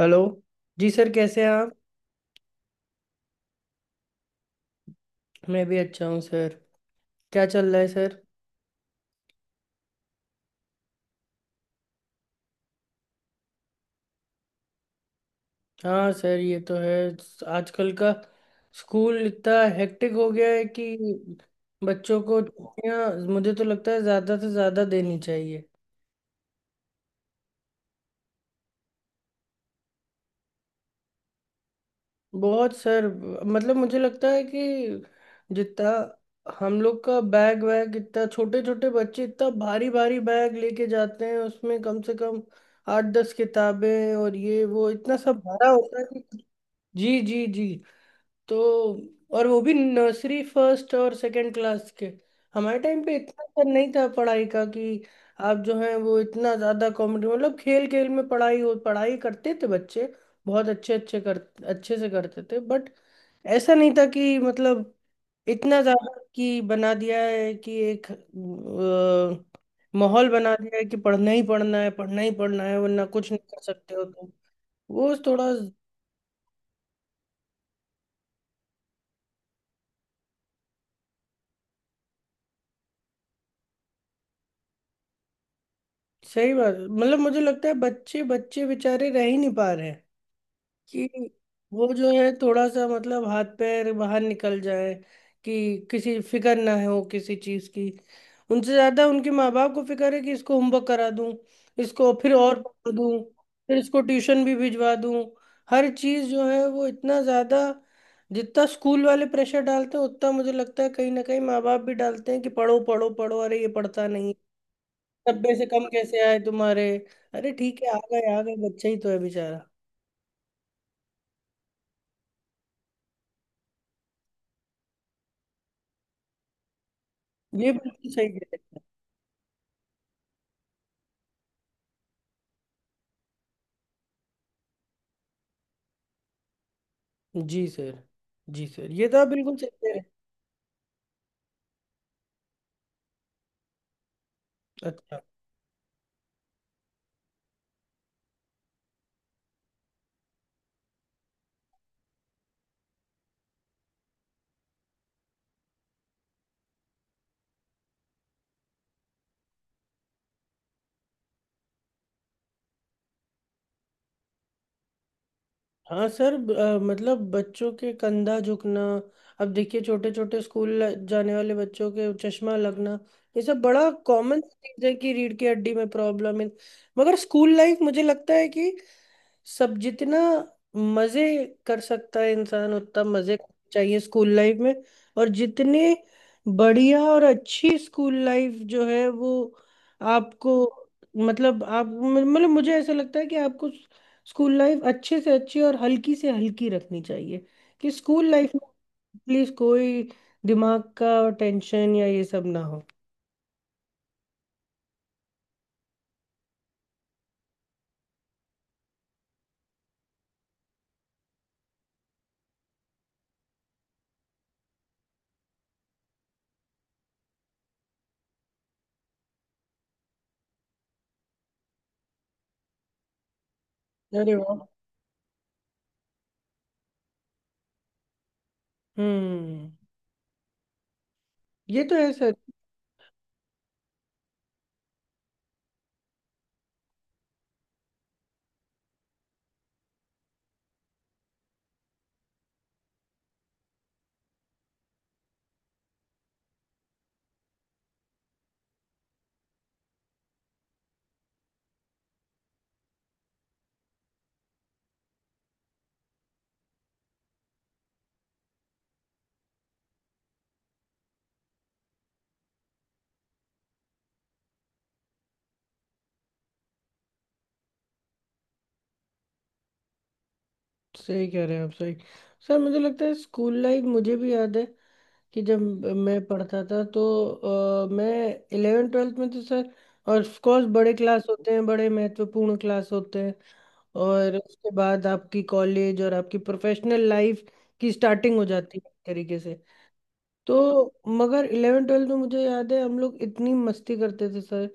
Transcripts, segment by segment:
Hello जी sir, कैसे हैं आप। मैं भी अच्छा हूँ सर। क्या चल रहा है सर। हाँ सर ये तो है। आजकल का स्कूल इतना हेक्टिक हो गया है कि बच्चों को छुट्टियाँ मुझे तो लगता है ज़्यादा से ज़्यादा देनी चाहिए। बहुत सर। मतलब मुझे लगता है कि जितना हम लोग का बैग वैग, इतना छोटे छोटे बच्चे इतना भारी भारी बैग लेके जाते हैं, उसमें कम से कम 8-10 किताबें और ये वो इतना सब भरा होता है कि। जी जी जी। तो और वो भी नर्सरी फर्स्ट और सेकंड क्लास के। हमारे टाइम पे इतना असर नहीं था पढ़ाई का कि आप जो हैं वो इतना ज्यादा कॉम्पिटिटिव। मतलब खेल खेल में पढ़ाई हो, पढ़ाई करते थे बच्चे, बहुत अच्छे अच्छे कर अच्छे से करते थे, बट ऐसा नहीं था कि मतलब इतना ज्यादा कि बना दिया है कि एक माहौल बना दिया है कि पढ़ना ही पढ़ना है, पढ़ना ही पढ़ना है, वरना कुछ नहीं कर सकते हो तुम। वो थोड़ा सही बात है। मतलब मुझे लगता है बच्चे बच्चे बेचारे रह ही नहीं पा रहे हैं कि वो जो है थोड़ा सा, मतलब हाथ पैर बाहर निकल जाए कि किसी फिक्र ना हो किसी चीज की। उनसे ज्यादा उनके माँ बाप को फिक्र है कि इसको होमवर्क करा दूं, इसको फिर और पढ़ा दूं, फिर इसको ट्यूशन भी भिजवा दूं। हर चीज जो है वो इतना ज्यादा, जितना स्कूल वाले प्रेशर डालते हैं उतना मुझे लगता है कहीं ना कहीं माँ बाप भी डालते हैं कि पढ़ो पढ़ो पढ़ो, अरे ये पढ़ता नहीं, 90 से कम कैसे आए तुम्हारे। अरे ठीक है, आ गए आ गए, बच्चा ही तो है बेचारा। ये बिल्कुल सही कह रहे हैं जी सर। जी सर, ये तो आप बिल्कुल सही कह रहे हैं। अच्छा। हाँ सर, मतलब बच्चों के कंधा झुकना, अब देखिए छोटे छोटे स्कूल जाने वाले बच्चों के चश्मा लगना, ये सब बड़ा कॉमन चीज है कि रीढ़ की हड्डी में प्रॉब्लम है। मगर स्कूल लाइफ मुझे लगता है कि सब जितना मजे कर सकता है इंसान उतना मजे करने चाहिए स्कूल लाइफ में। और जितने बढ़िया और अच्छी स्कूल लाइफ जो है वो आपको, मतलब आप मतलब मुझे ऐसा लगता है कि आपको स्कूल लाइफ अच्छे से अच्छी और हल्की से हल्की रखनी चाहिए कि स्कूल लाइफ में प्लीज कोई दिमाग का टेंशन या ये सब ना हो। अरे वाह। हम्म। ये तो है सर। सही कह रहे हैं आप, सही। सर मुझे लगता है स्कूल लाइफ, मुझे भी याद है कि जब मैं पढ़ता था तो मैं 11वीं 12वीं में तो सर, और ऑफकोर्स बड़े क्लास होते हैं, बड़े महत्वपूर्ण क्लास होते हैं, और उसके बाद आपकी कॉलेज और आपकी प्रोफेशनल लाइफ की स्टार्टिंग हो जाती है एक तरीके से। तो मगर 11वीं 12वीं में मुझे याद है हम लोग इतनी मस्ती करते थे सर।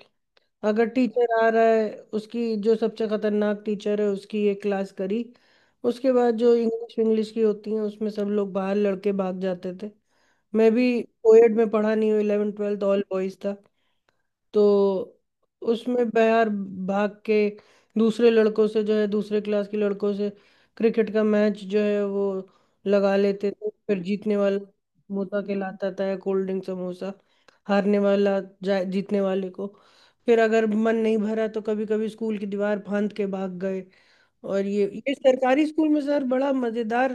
अगर टीचर आ रहा है, उसकी जो सबसे खतरनाक टीचर है उसकी एक क्लास करी, उसके बाद जो इंग्लिश इंग्लिश की होती है उसमें सब लोग बाहर लड़के भाग जाते थे। मैं भी कोएड में पढ़ा नहीं हूँ, 11वीं 12वीं ऑल बॉयज था। तो उसमें मैं यार भाग के दूसरे लड़कों से जो है, दूसरे क्लास के लड़कों से क्रिकेट का मैच जो है वो लगा लेते थे, फिर जीतने वाला समोसा खिलाता था, कोल्ड ड्रिंक समोसा, हारने वाला जा जीतने वाले को। फिर अगर मन नहीं भरा तो कभी कभी स्कूल की दीवार फांद के भाग गए। और ये सरकारी स्कूल में सर बड़ा मजेदार।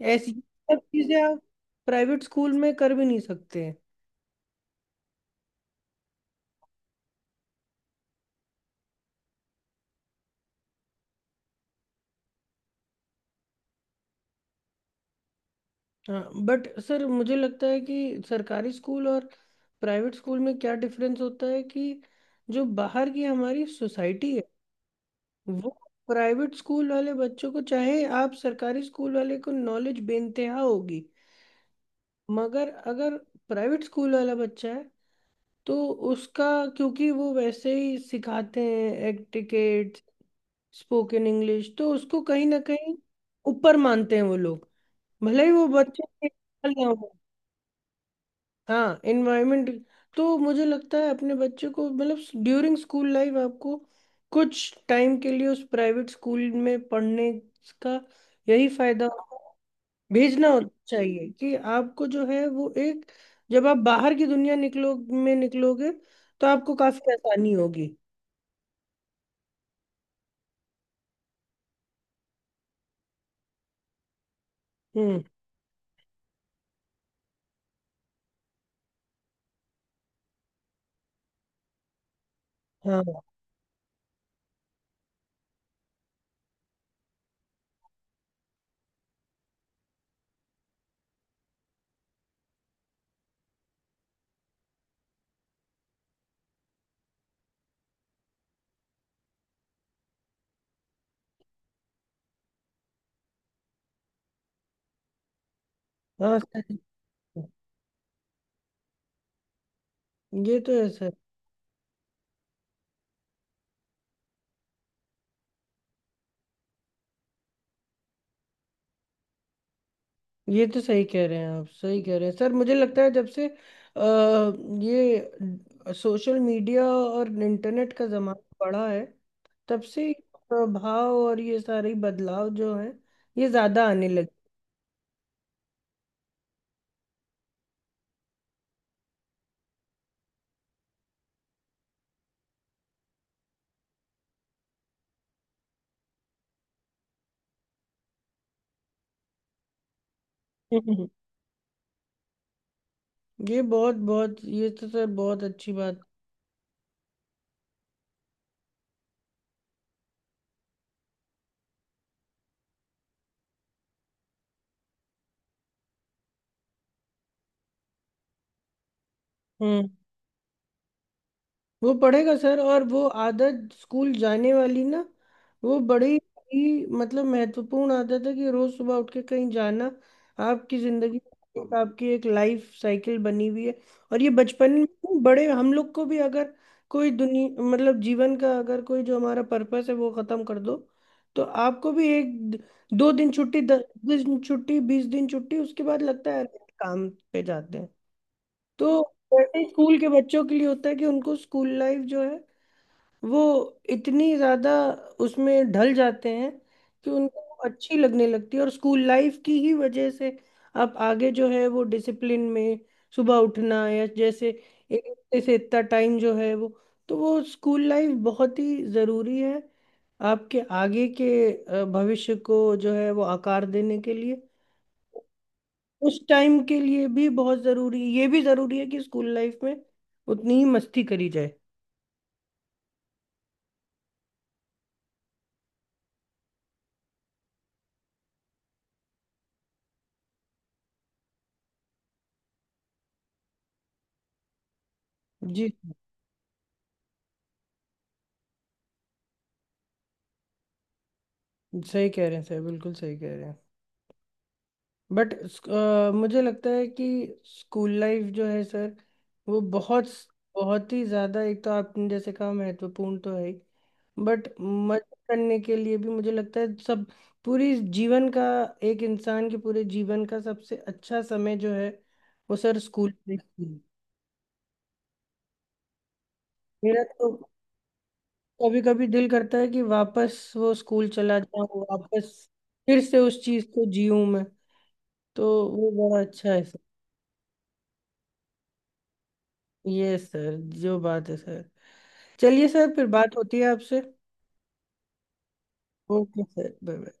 ऐसी सब चीजें आप प्राइवेट स्कूल में कर भी नहीं सकते हैं। हाँ बट सर मुझे लगता है कि सरकारी स्कूल और प्राइवेट स्कूल में क्या डिफरेंस होता है कि जो बाहर की हमारी सोसाइटी है वो प्राइवेट स्कूल वाले बच्चों को, चाहे आप सरकारी स्कूल वाले को नॉलेज बेनतेहा होगी, मगर अगर प्राइवेट स्कूल वाला बच्चा है तो उसका, क्योंकि वो वैसे ही सिखाते हैं एटिकेट, स्पोकन इंग्लिश, तो उसको कहीं ना कहीं ऊपर मानते हैं वो लोग, भले ही वो बच्चे के साथ ना हो। हाँ एनवायरमेंट। तो मुझे लगता है अपने बच्चे को मतलब ड्यूरिंग स्कूल लाइफ आपको कुछ टाइम के लिए उस प्राइवेट स्कूल में पढ़ने का यही फायदा होगा। भेजना होता चाहिए कि आपको जो है वो एक, जब आप बाहर की दुनिया निकलो में निकलोगे तो आपको काफी आसानी होगी। हम्म। हाँ हाँ। सही है। ये तो ऐसा है। ये तो सही कह रहे हैं आप, सही कह रहे हैं सर। मुझे लगता है जब से ये सोशल मीडिया और इंटरनेट का ज़माना बढ़ा है तब से ये प्रभाव और ये सारे बदलाव जो हैं ये ज़्यादा आने लगे। हम्म। ये बहुत बहुत, ये तो सर बहुत अच्छी बात। वो पढ़ेगा सर, और वो आदत स्कूल जाने वाली ना, वो बड़ी ही मतलब महत्वपूर्ण आदत है कि रोज सुबह उठ के कहीं जाना। आपकी जिंदगी में एक- आपकी एक लाइफ साइकिल बनी हुई है। और ये बचपन में नहीं, बड़े हम लोग को भी अगर कोई दुनिया, मतलब जीवन का अगर कोई जो हमारा पर्पस है वो खत्म कर दो तो आपको भी एक दो दिन छुट्टी, 10 दिन छुट्टी, 20 दिन छुट्टी, उसके बाद लगता है अरे, काम पे जाते हैं। तो वैसे ही स्कूल के बच्चों के लिए होता है कि उनको स्कूल लाइफ जो है वो इतनी ज्यादा उसमें ढल जाते हैं कि उनको वो अच्छी लगने लगती है। और स्कूल लाइफ की ही वजह से आप आगे जो है वो डिसिप्लिन में सुबह उठना या जैसे एक हफ्ते से इतना टाइम जो है वो, तो वो स्कूल लाइफ बहुत ही जरूरी है आपके आगे के भविष्य को जो है वो आकार देने के लिए। उस टाइम के लिए भी बहुत जरूरी, ये भी जरूरी है कि स्कूल लाइफ में उतनी ही मस्ती करी जाए। जी सही कह रहे हैं सर, बिल्कुल सही कह रहे हैं। बट मुझे लगता है कि स्कूल लाइफ जो है सर, वो बहुत बहुत ही ज़्यादा, एक तो आपने जैसे कहा महत्वपूर्ण तो है, बट मजा करने के लिए भी मुझे लगता है सब, पूरी जीवन का एक इंसान के पूरे जीवन का सबसे अच्छा समय जो है वो सर स्कूल लाइफ ही है। मेरा तो कभी कभी दिल करता है कि वापस वो स्कूल चला जाऊं, वापस फिर से उस चीज को जीऊं मैं। तो वो बड़ा अच्छा है सर। ये सर जो बात है सर, चलिए सर फिर बात होती है आपसे। Okay sir bye bye.